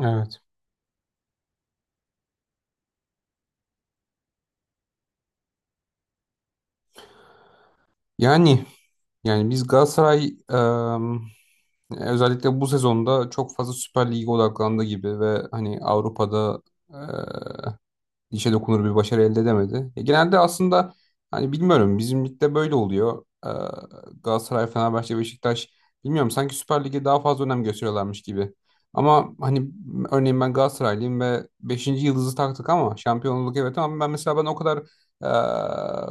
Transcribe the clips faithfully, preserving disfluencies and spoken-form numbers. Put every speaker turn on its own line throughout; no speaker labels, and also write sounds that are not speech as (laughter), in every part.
Evet. Yani yani biz Galatasaray em, özellikle bu sezonda çok fazla Süper Lig'e odaklandı gibi ve hani Avrupa'da dişe dokunur bir başarı elde edemedi. Ya genelde aslında hani bilmiyorum bizim ligde böyle oluyor. Ee, Galatasaray, Fenerbahçe, Beşiktaş bilmiyorum sanki Süper Lig'e daha fazla önem gösteriyorlarmış gibi. Ama hani örneğin ben Galatasaraylıyım ve beşinci yıldızı taktık ama şampiyonluk evet, ama ben mesela ben o kadar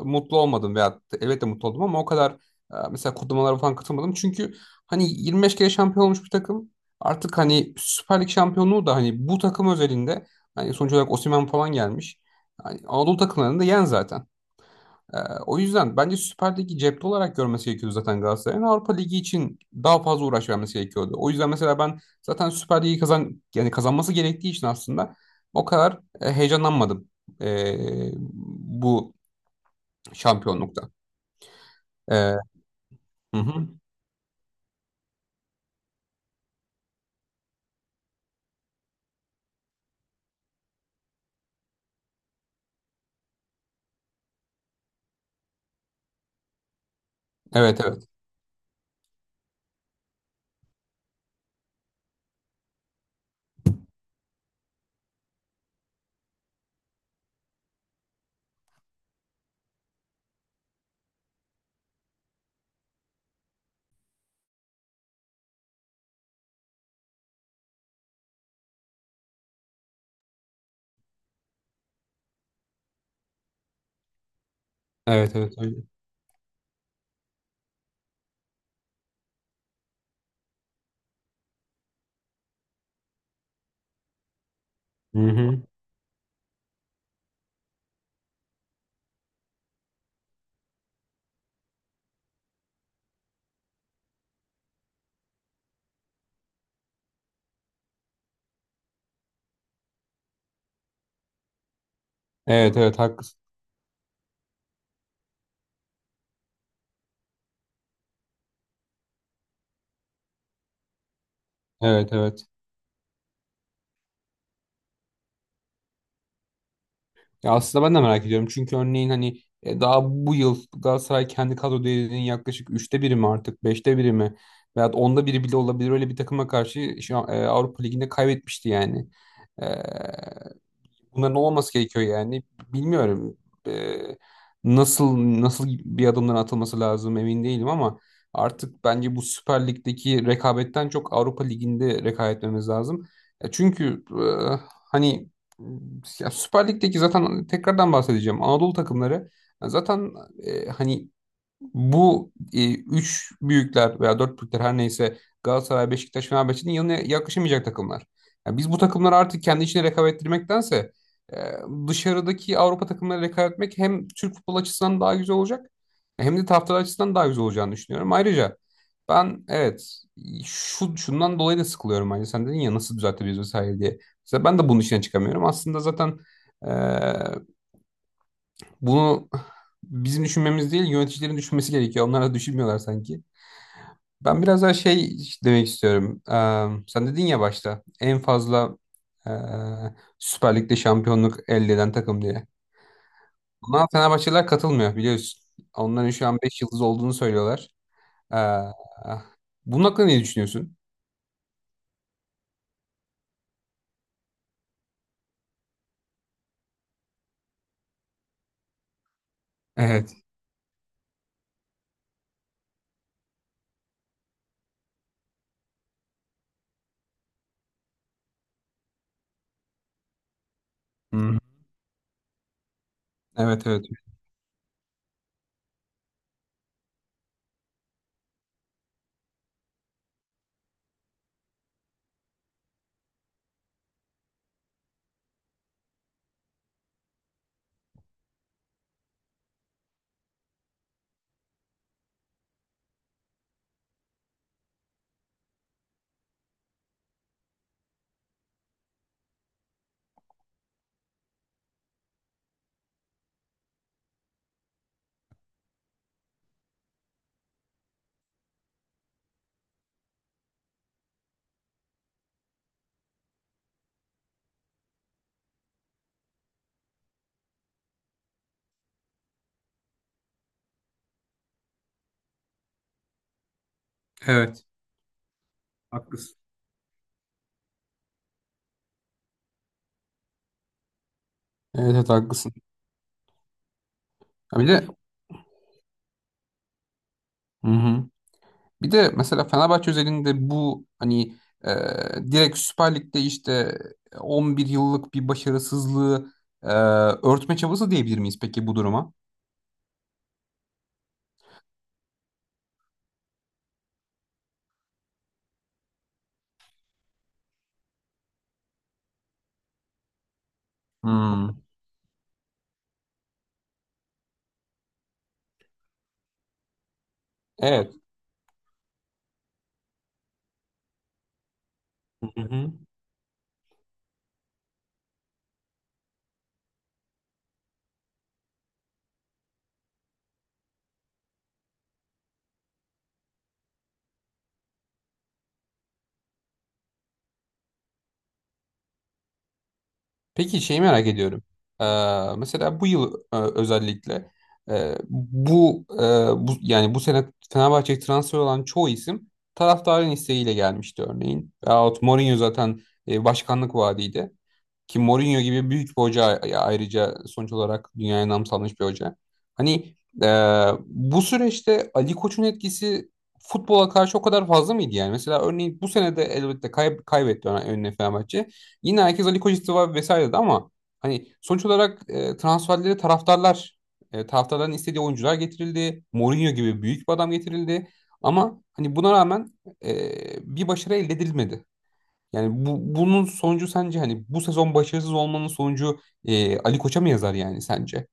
e, mutlu olmadım veya elbette mutlu oldum, ama o kadar e, mesela kutlamalara falan katılmadım. Çünkü hani yirmi beş kere şampiyon olmuş bir takım artık, hani Süper Lig şampiyonluğu da hani bu takım özelinde, yani sonuç olarak Osimhen falan gelmiş. Yani Anadolu takımlarını da yen zaten. Ee, o yüzden bence Süper Lig'i cepte olarak görmesi gerekiyordu zaten Galatasaray'ın. Avrupa Ligi için daha fazla uğraş vermesi gerekiyordu. O yüzden mesela ben zaten Süper Lig'i kazan yani kazanması gerektiği için aslında o kadar e, heyecanlanmadım e, bu şampiyonlukta. E, hı hı. Evet, evet. Evet, evet, öyle. Hı hı. Evet, evet, haklısın. Evet, evet. Ya aslında ben de merak ediyorum. Çünkü örneğin hani e, daha bu yıl Galatasaray kendi kadro değerinin yaklaşık üçte biri mi artık, beşte biri mi, veyahut onda biri bile olabilir. Öyle bir takıma karşı şu an, e, Avrupa Ligi'nde kaybetmişti, yani bunların olmaması gerekiyor yani. Bilmiyorum, e, nasıl nasıl bir adımların atılması lazım emin değilim ama artık bence bu Süper Lig'deki rekabetten çok Avrupa Ligi'nde rekabet etmemiz lazım. E, çünkü e, hani ya Süper Lig'deki zaten tekrardan bahsedeceğim. Anadolu takımları zaten e, hani bu e, üç büyükler veya dört büyükler her neyse Galatasaray, Beşiktaş, Fenerbahçe'nin yanına yaklaşamayacak takımlar. Yani biz bu takımları artık kendi içine rekabet ettirmektense e, dışarıdaki Avrupa takımları rekabet etmek hem Türk futbol açısından daha güzel olacak, hem de taraftar açısından daha güzel olacağını düşünüyorum. Ayrıca ben evet, şu şundan dolayı da sıkılıyorum bence. Sen dedin ya nasıl düzeltebiliriz vesaire diye. Mesela ben de bunun içine çıkamıyorum. Aslında zaten e, bunu bizim düşünmemiz değil, yöneticilerin düşünmesi gerekiyor. Onlar da düşünmüyorlar sanki. Ben biraz daha şey demek istiyorum. Eee, sen dedin ya başta en fazla eee Süper Lig'de şampiyonluk elde eden takım diye. Buna Fenerbahçeliler katılmıyor biliyorsun. Onların şu an beş yıldız olduğunu söylüyorlar. Eee, bunun hakkında ne düşünüyorsun? Evet. Hı. Evet, evet. Evet. Haklısın. Evet, evet, haklısın. Ha, bir de hı hı. Bir de mesela Fenerbahçe özelinde bu hani e, direkt Süper Lig'de işte on bir yıllık bir başarısızlığı e, örtme çabası diyebilir miyiz peki bu duruma? Hmm. Evet. Peki şeyi merak ediyorum. Ee, mesela bu yıl e, özellikle e, bu, e, bu yani bu sene Fenerbahçe'ye transfer olan çoğu isim taraftarın isteğiyle gelmişti örneğin. Veyahut Mourinho zaten e, başkanlık vaadiydi. Ki Mourinho gibi büyük bir hoca ay- ayrıca sonuç olarak dünyaya nam salmış bir hoca. Hani e, bu süreçte Ali Koç'un etkisi futbola karşı o kadar fazla mıydı yani? Mesela örneğin bu sene de elbette kay kaybetti ön- önüne Fenerbahçe. Yine herkes Ali Koç istifa vesaire dedi, ama hani sonuç olarak e, transferleri taraftarlar e, taraftarların istediği oyuncular getirildi. Mourinho gibi büyük bir adam getirildi. Ama hani buna rağmen e, bir başarı elde edilmedi. Yani bu, bunun sonucu, sence hani bu sezon başarısız olmanın sonucu e, Ali Koç'a mı yazar yani sence?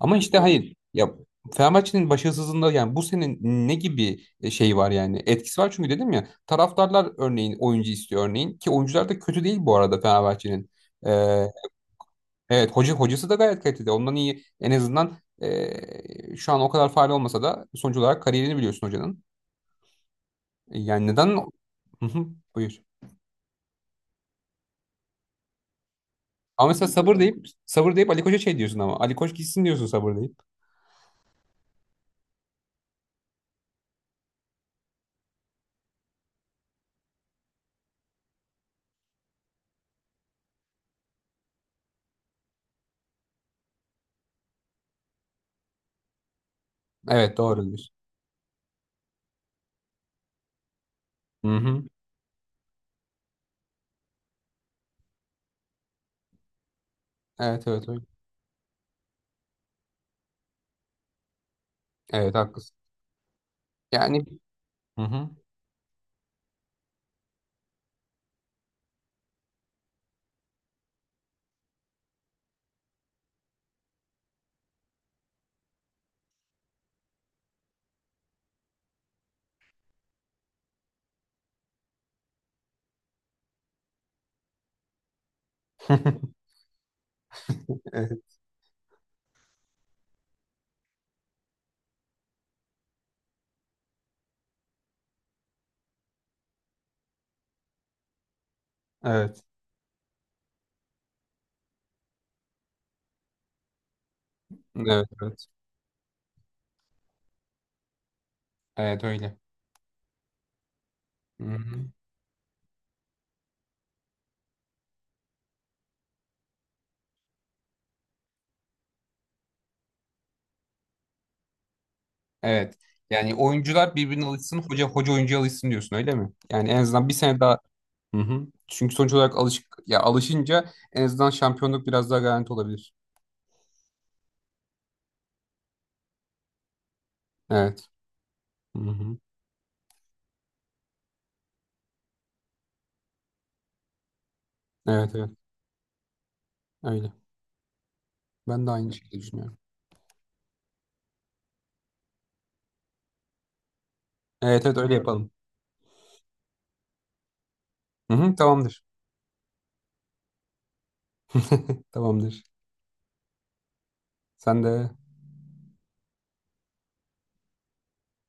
Ama işte hayır. Ya Fenerbahçe'nin başarısızlığında yani bu senin ne gibi e, şey var, yani etkisi var, çünkü dedim ya, taraftarlar örneğin oyuncu istiyor örneğin, ki oyuncular da kötü değil bu arada Fenerbahçe'nin. Ee, evet, hoca hocası da gayet kaliteli. Ondan iyi en azından ee, şu an o kadar faal olmasa da sonuç olarak kariyerini biliyorsun hocanın. E, Yani neden? Hı hı, buyur. Ama mesela sabır deyip sabır deyip Ali Koç'a şey diyorsun, ama Ali Koç gitsin diyorsun sabır deyip. Evet, doğru diyorsun. Hı hı. Evet, evet, öyle. Evet, haklısın. Yani hı hı. (laughs) Evet, evet, evet, evet. Evet, öyle. Hı hı. Evet. Yani oyuncular birbirine alışsın, hoca hoca oyuncuya alışsın diyorsun öyle mi? Yani en azından bir sene daha. Hı hı. Çünkü sonuç olarak alışık ya, alışınca en azından şampiyonluk biraz daha garanti olabilir. Evet. Hı hı. Evet, evet. Öyle. Ben de aynı şekilde düşünüyorum. Evet, evet, öyle yapalım. Hı hı, tamamdır. (laughs) Tamamdır. Sen de